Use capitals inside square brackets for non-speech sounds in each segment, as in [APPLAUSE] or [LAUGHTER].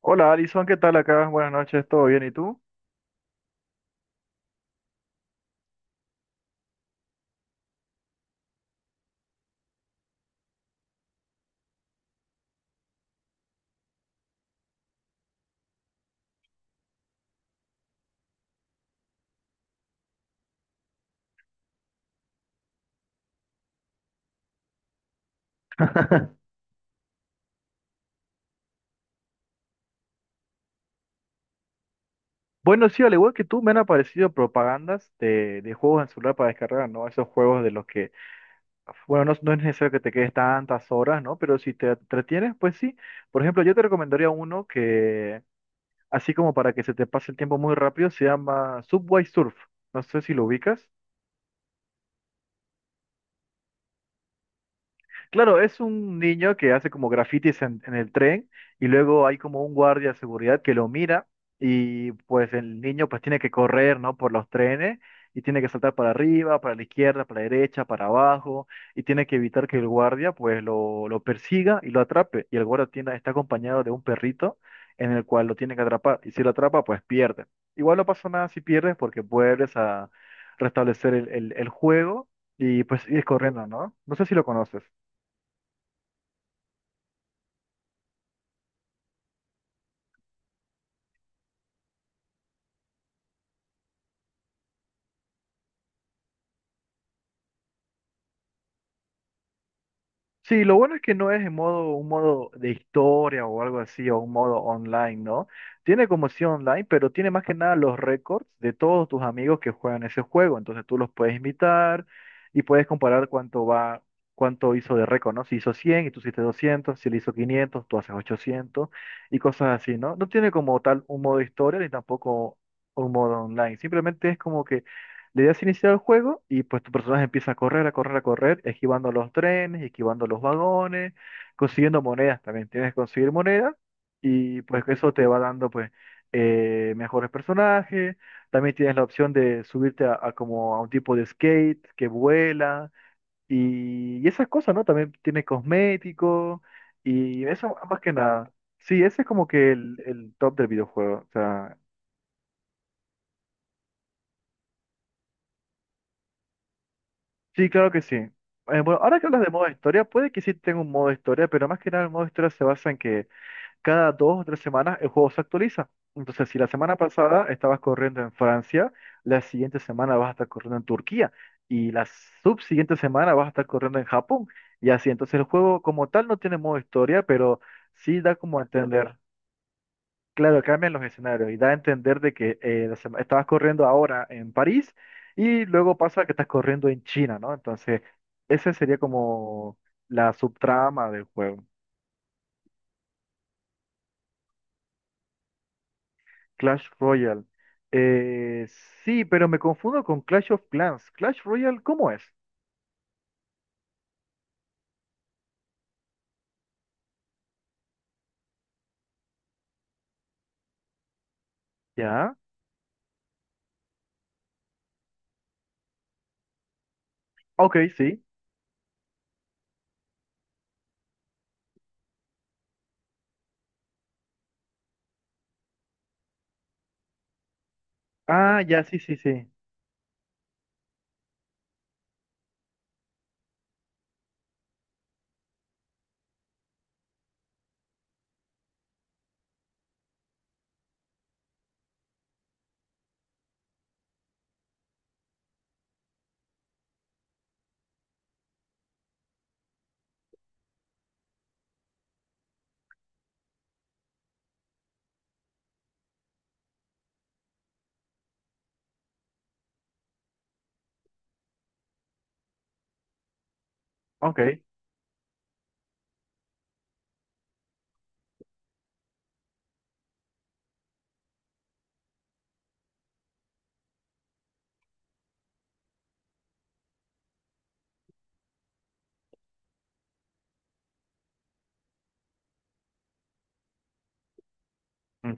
Hola Alison, ¿qué tal acá? Buenas noches, ¿todo bien? ¿Y tú? [LAUGHS] Bueno, sí, al igual que tú, me han aparecido propagandas de juegos en celular para descargar, ¿no? Esos juegos de los que, bueno, no es necesario que te quedes tantas horas, ¿no? Pero si te entretienes, pues sí. Por ejemplo, yo te recomendaría uno que, así como para que se te pase el tiempo muy rápido, se llama Subway Surf. No sé si lo ubicas. Claro, es un niño que hace como grafitis en el tren y luego hay como un guardia de seguridad que lo mira y pues el niño pues tiene que correr, ¿no? Por los trenes y tiene que saltar para arriba, para la izquierda, para la derecha, para abajo y tiene que evitar que el guardia pues lo persiga y lo atrape. Y el guardia tiene, está acompañado de un perrito en el cual lo tiene que atrapar y si lo atrapa pues pierde. Igual no pasa nada si pierdes porque vuelves a restablecer el juego y pues ir corriendo, ¿no? No sé si lo conoces. Sí, lo bueno es que no es en modo, un modo de historia o algo así, o un modo online, ¿no? Tiene como si online, pero tiene más que nada los récords de todos tus amigos que juegan ese juego. Entonces tú los puedes invitar y puedes comparar cuánto va, cuánto hizo de récord, ¿no? Si hizo 100 y tú hiciste 200, si él hizo 500, tú haces 800 y cosas así, ¿no? No tiene como tal un modo historia ni tampoco un modo online. Simplemente es como que le das iniciar el juego y pues tu personaje empieza a correr, a correr, a correr, esquivando los trenes, esquivando los vagones, consiguiendo monedas también. Tienes que conseguir monedas y pues eso te va dando pues mejores personajes. También tienes la opción de subirte a como a un tipo de skate que vuela y esas cosas, ¿no? También tiene cosméticos y eso más que nada. Sí, ese es como que el top del videojuego. O sea, sí, claro que sí. Bueno, ahora que hablas de modo historia, puede que sí tenga un modo historia, pero más que nada el modo historia se basa en que cada dos o tres semanas el juego se actualiza. Entonces, si la semana pasada estabas corriendo en Francia, la siguiente semana vas a estar corriendo en Turquía y la subsiguiente semana vas a estar corriendo en Japón. Y así, entonces el juego como tal no tiene modo historia, pero sí da como a entender. Claro, cambian los escenarios y da a entender de que la estabas corriendo ahora en París y luego pasa que estás corriendo en China, ¿no? Entonces, esa sería como la subtrama del juego. Clash Royale. Eh, sí, pero me confundo con Clash of Clans. Clash Royale, ¿cómo es? ¿Ya? Ok, sí. Ah, ya, sí, sí, sí. Ok.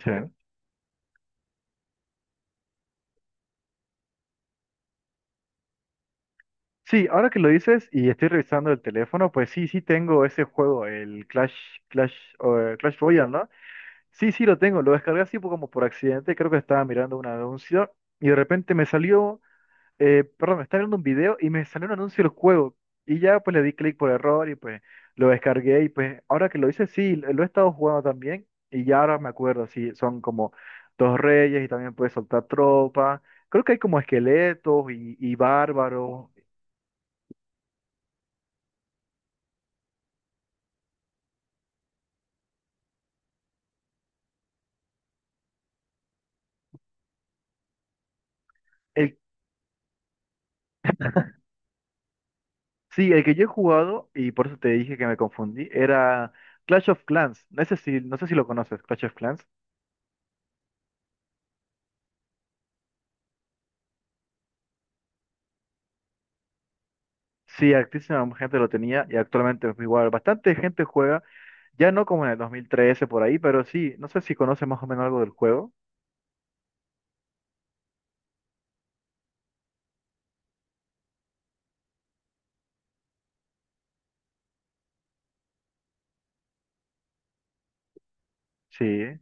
Sí. Sí, ahora que lo dices y estoy revisando el teléfono, pues sí, sí tengo ese juego, el Clash, Clash, Clash Royale, ¿no? Sí, sí, lo tengo. Lo descargué así como por accidente. Creo que estaba mirando un anuncio y de repente me salió, perdón, me estaba viendo un video y me salió un anuncio del juego. Y ya pues le di clic por error y pues lo descargué y pues ahora que lo hice, sí, lo he estado jugando también y ya ahora me acuerdo, sí, son como dos reyes y también puedes soltar tropas. Creo que hay como esqueletos y bárbaros. El, sí, el que yo he jugado y por eso te dije que me confundí, era Clash of Clans. No sé si, no sé si lo conoces, Clash of Clans. Sí, altísima gente lo tenía y actualmente es igual. Bastante gente juega, ya no como en el 2013 por ahí, pero sí, no sé si conoce más o menos algo del juego. Sí,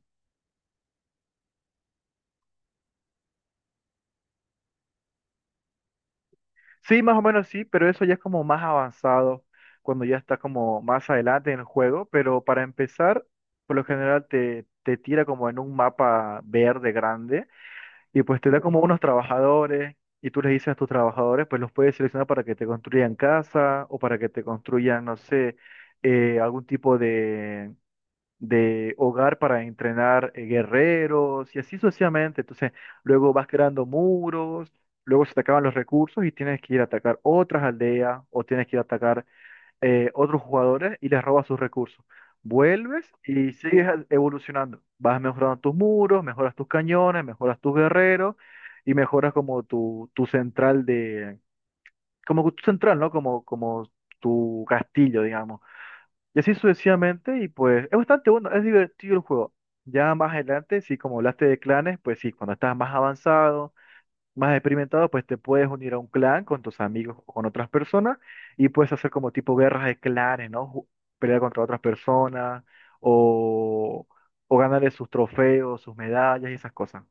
sí, más o menos sí, pero eso ya es como más avanzado cuando ya está como más adelante en el juego. Pero para empezar, por lo general te tira como en un mapa verde grande y pues te da como unos trabajadores y tú les dices a tus trabajadores, pues los puedes seleccionar para que te construyan casa o para que te construyan, no sé, algún tipo de hogar para entrenar guerreros y así sucesivamente. Entonces, luego vas creando muros, luego se te acaban los recursos y tienes que ir a atacar otras aldeas o tienes que ir a atacar otros jugadores y les robas sus recursos. Vuelves y sigues evolucionando. Vas mejorando tus muros, mejoras tus cañones, mejoras tus guerreros y mejoras como tu central de... Como tu central, ¿no? Como, como tu castillo, digamos. Y así sucesivamente, y pues es bastante bueno, es divertido el juego. Ya más adelante, sí, como hablaste de clanes, pues sí, cuando estás más avanzado, más experimentado, pues te puedes unir a un clan con tus amigos o con otras personas y puedes hacer como tipo guerras de clanes, ¿no? Pelear contra otras personas o, o ganarle sus trofeos, sus medallas y esas cosas.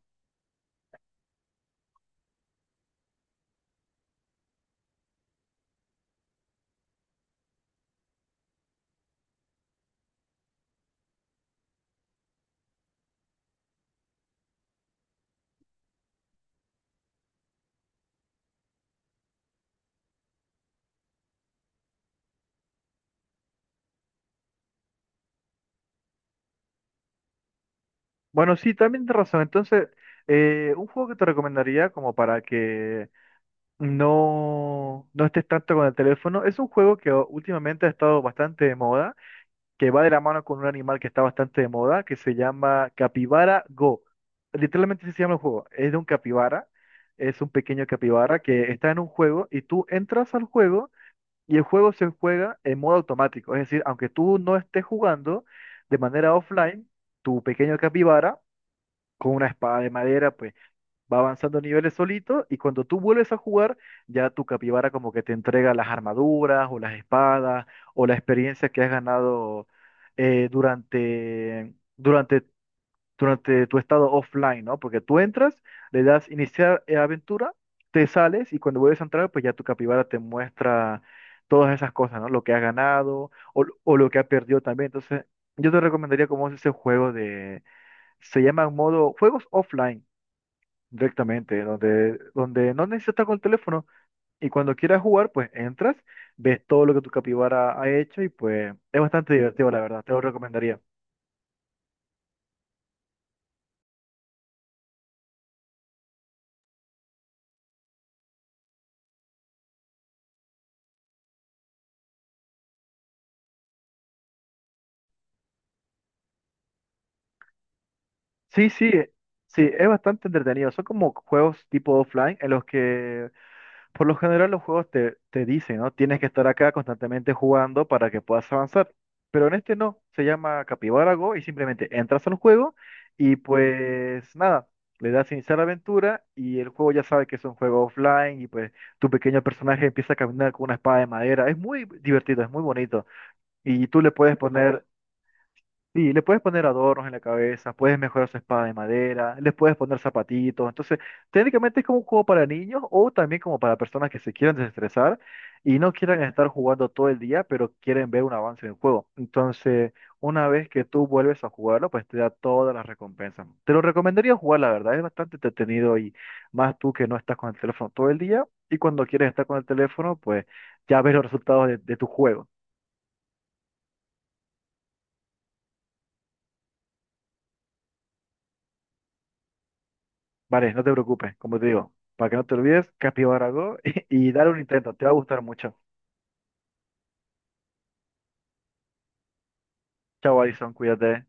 Bueno, sí, también tienes razón. Entonces, un juego que te recomendaría como para que no estés tanto con el teléfono. Es un juego que últimamente ha estado bastante de moda, que va de la mano con un animal que está bastante de moda, que se llama Capibara Go. Literalmente así se llama el juego. Es de un capibara, es un pequeño capibara que está en un juego y tú entras al juego y el juego se juega en modo automático. Es decir, aunque tú no estés jugando de manera offline, tu pequeño capibara con una espada de madera, pues va avanzando niveles solito y cuando tú vuelves a jugar, ya tu capibara como que te entrega las armaduras o las espadas o la experiencia que has ganado eh, durante, durante, durante tu estado offline, ¿no? Porque tú entras, le das iniciar aventura, te sales y cuando vuelves a entrar, pues ya tu capibara te muestra todas esas cosas, ¿no? Lo que has ganado o lo que has perdido también. Entonces, yo te recomendaría como es ese juego de... Se llama modo juegos offline directamente, donde, donde no necesitas estar con el teléfono y cuando quieras jugar, pues entras, ves todo lo que tu capibara ha hecho y pues es bastante divertido, la verdad, te lo recomendaría. Sí, sí, sí, es bastante entretenido. Son como juegos tipo offline en los que por lo general los juegos te dicen, ¿no? Tienes que estar acá constantemente jugando para que puedas avanzar. Pero en este no, se llama Capybara Go y simplemente entras al juego y pues nada, le das iniciar aventura y el juego ya sabe que es un juego offline y pues tu pequeño personaje empieza a caminar con una espada de madera. Es muy divertido, es muy bonito. Y tú le puedes poner sí, le puedes poner adornos en la cabeza, puedes mejorar su espada de madera, les puedes poner zapatitos. Entonces, técnicamente es como un juego para niños o también como para personas que se quieran desestresar y no quieran estar jugando todo el día, pero quieren ver un avance en el juego. Entonces, una vez que tú vuelves a jugarlo, pues te da todas las recompensas. Te lo recomendaría jugar, la verdad, es bastante entretenido y más tú que no estás con el teléfono todo el día y cuando quieres estar con el teléfono, pues ya ves los resultados de tu juego. Vale, no te preocupes, como te digo, para que no te olvides, Capibara Go [LAUGHS] y dale un intento, te va a gustar mucho. Chao, Alison, cuídate.